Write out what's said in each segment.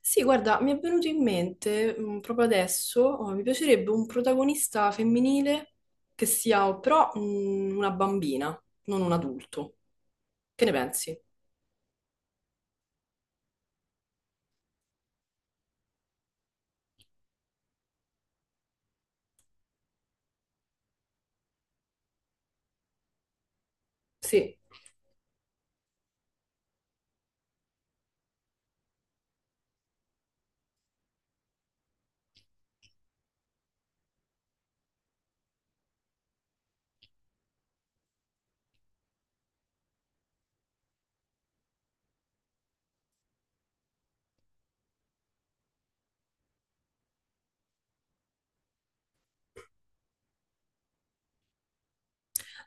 Sì, guarda, mi è venuto in mente proprio adesso, oh, mi piacerebbe un protagonista femminile che sia però una bambina, non un adulto. Che ne pensi? Sì.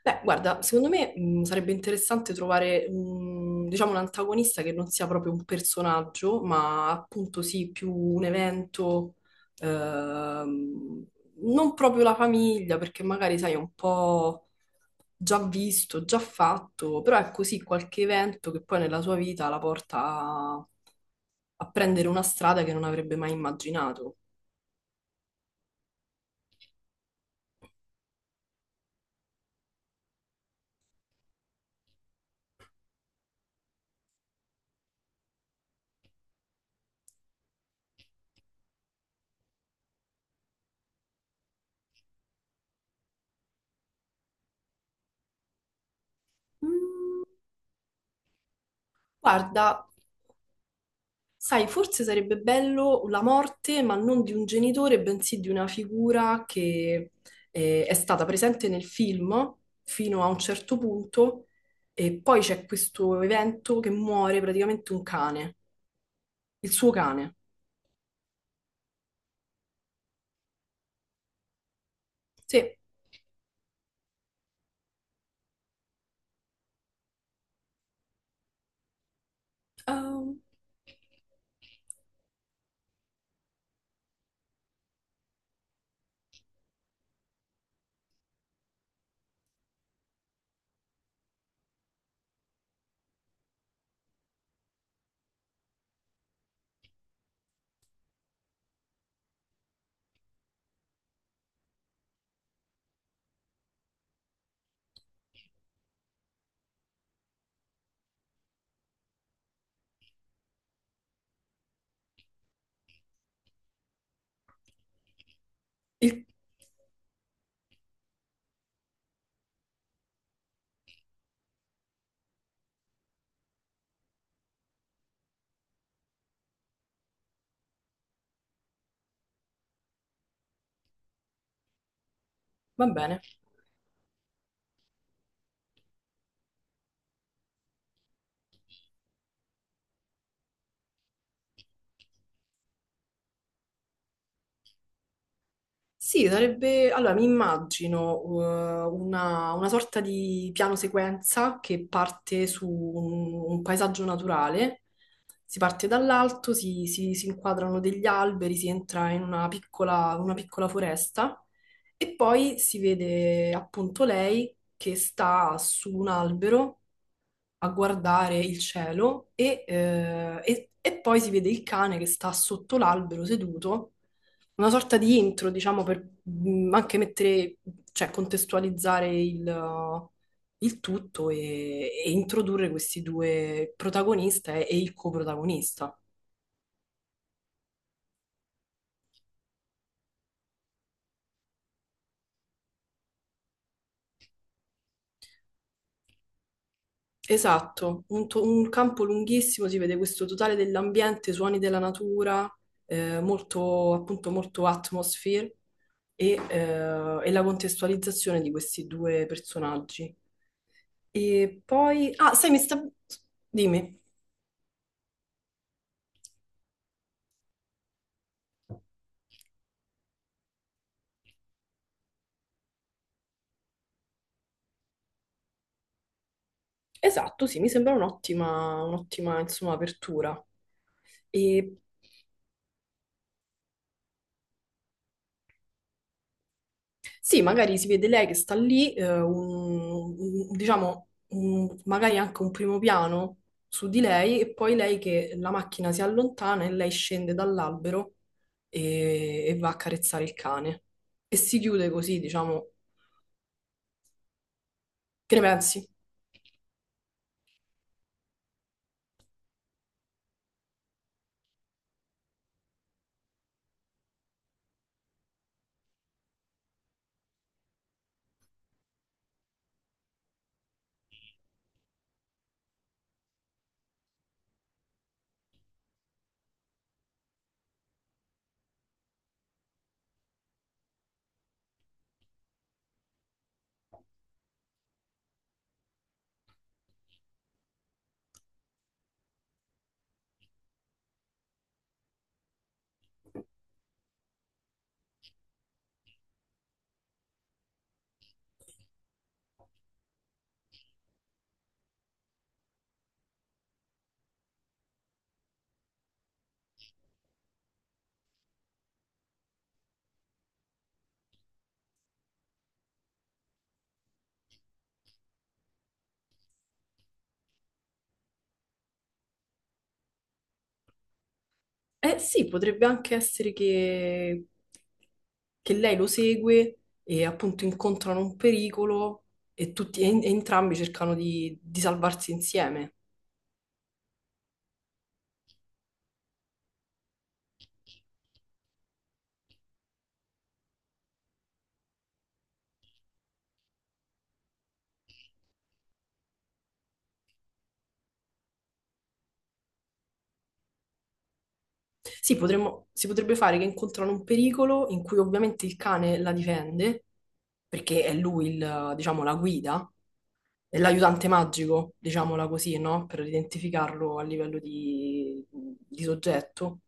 Beh, guarda, secondo me sarebbe interessante trovare, diciamo, un antagonista che non sia proprio un personaggio, ma appunto sì, più un evento, ehm, non proprio la famiglia, perché magari, sai, è un po' già visto, già fatto, però è così qualche evento che poi nella sua vita la porta a prendere una strada che non avrebbe mai immaginato. Mm. Guarda, sai, forse sarebbe bello la morte, ma non di un genitore, bensì di una figura che è stata presente nel film fino a un certo punto e poi c'è questo evento che muore praticamente un cane, il suo cane. Sì, ehm, il- va bene. Sì, sarebbe... Allora, mi immagino una sorta di piano sequenza che parte su un paesaggio naturale. Si parte dall'alto, si inquadrano degli alberi, si entra in una una piccola foresta e poi si vede appunto lei che sta su un albero a guardare il cielo e poi si vede il cane che sta sotto l'albero seduto, una sorta di intro, diciamo, per anche mettere, cioè contestualizzare il tutto e introdurre questi due protagonista e il coprotagonista. Esatto, un campo lunghissimo, si vede questo totale dell'ambiente, suoni della natura, molto, appunto, molto atmosphere e la contestualizzazione di questi due personaggi. E poi, ah, sai, mi sta... Dimmi. Esatto, sì, mi sembra un'ottima, insomma, apertura. Sì, magari si vede lei che sta lì, diciamo, un- magari anche un primo piano su di lei e poi lei che la macchina si allontana e lei scende dall'albero e va a carezzare il cane. E si chiude così, diciamo. Che ne pensi? Eh sì, potrebbe anche essere che lei lo segue e appunto incontrano un pericolo e e entrambi cercano di salvarsi insieme. Sì, si potrebbe fare che incontrano un pericolo in cui ovviamente il cane la difende, perché è lui il, diciamo, la guida, è l'aiutante magico, diciamola così, no? Per identificarlo a livello di soggetto.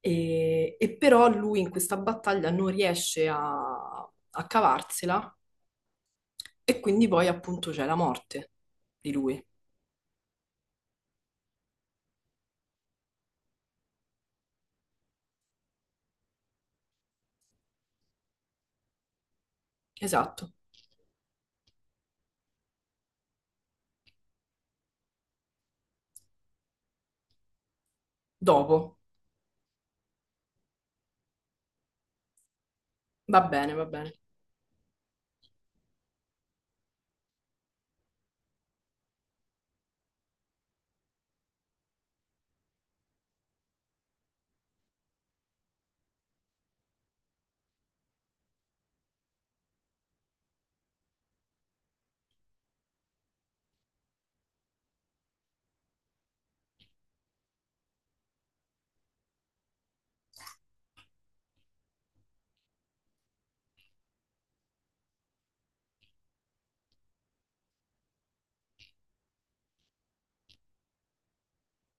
E però lui in questa battaglia non riesce a cavarsela e quindi poi appunto c'è la morte di lui. Esatto. Dopo. Va bene, va bene,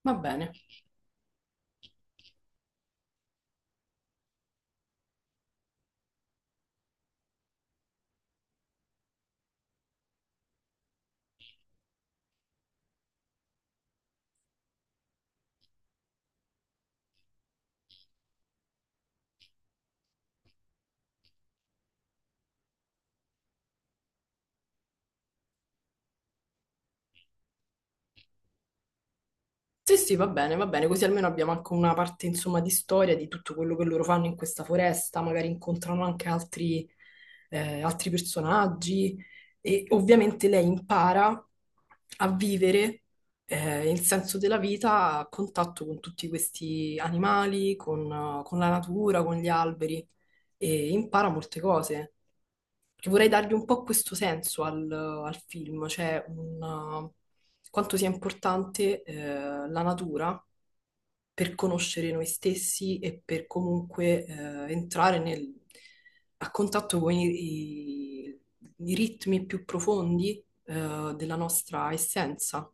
va bene. Sì, sì, va bene, così almeno abbiamo anche una parte, insomma, di storia di tutto quello che loro fanno in questa foresta, magari incontrano anche altri, altri personaggi e ovviamente lei impara a vivere, il senso della vita a contatto con tutti questi animali, con la natura, con gli alberi e impara molte cose. Perché vorrei dargli un po' questo senso al film, cioè un, quanto sia importante la natura per conoscere noi stessi e per comunque entrare nel- a contatto con i- i ritmi più profondi della nostra essenza.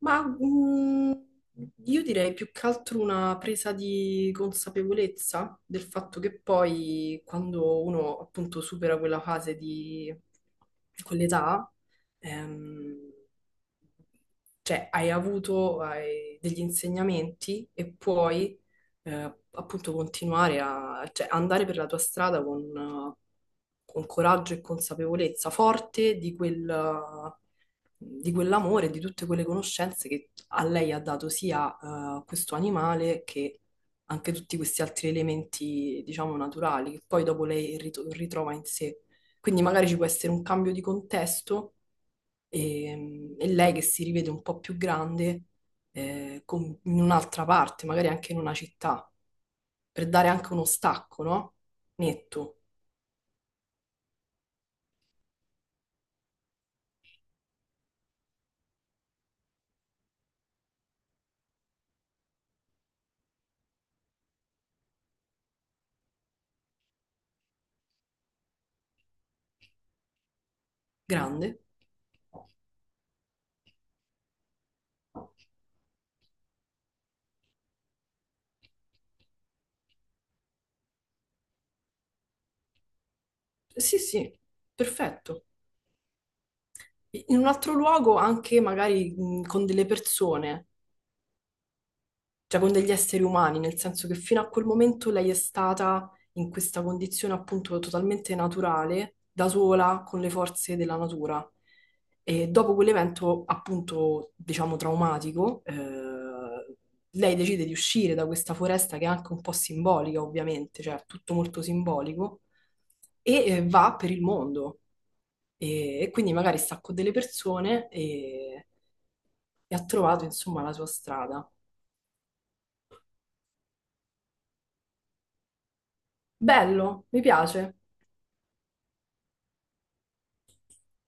Ma io direi più che altro una presa di consapevolezza del fatto che poi quando uno appunto supera quella fase di quell'età, ehm, cioè hai degli insegnamenti e puoi appunto continuare cioè, andare per la tua strada con coraggio e consapevolezza, forte di di quell'amore, di tutte quelle conoscenze che a lei ha dato sia questo animale che anche tutti questi altri elementi, diciamo, naturali, che poi dopo lei ritrova in sé. Quindi magari ci può essere un cambio di contesto e lei che si rivede un po' più grande in un'altra parte, magari anche in una città, per dare anche uno stacco, no? Netto, grande. Sì, sì, perfetto. In un altro luogo anche magari con delle persone, cioè con degli esseri umani, nel senso che fino a quel momento lei è stata in questa condizione appunto totalmente naturale, da sola, con le forze della natura. E dopo quell'evento appunto, diciamo, traumatico, lei decide di uscire da questa foresta che è anche un po' simbolica, ovviamente, cioè è tutto molto simbolico, va per il mondo. E quindi magari sta con delle persone e ha trovato, insomma, la sua strada. Bello, mi piace.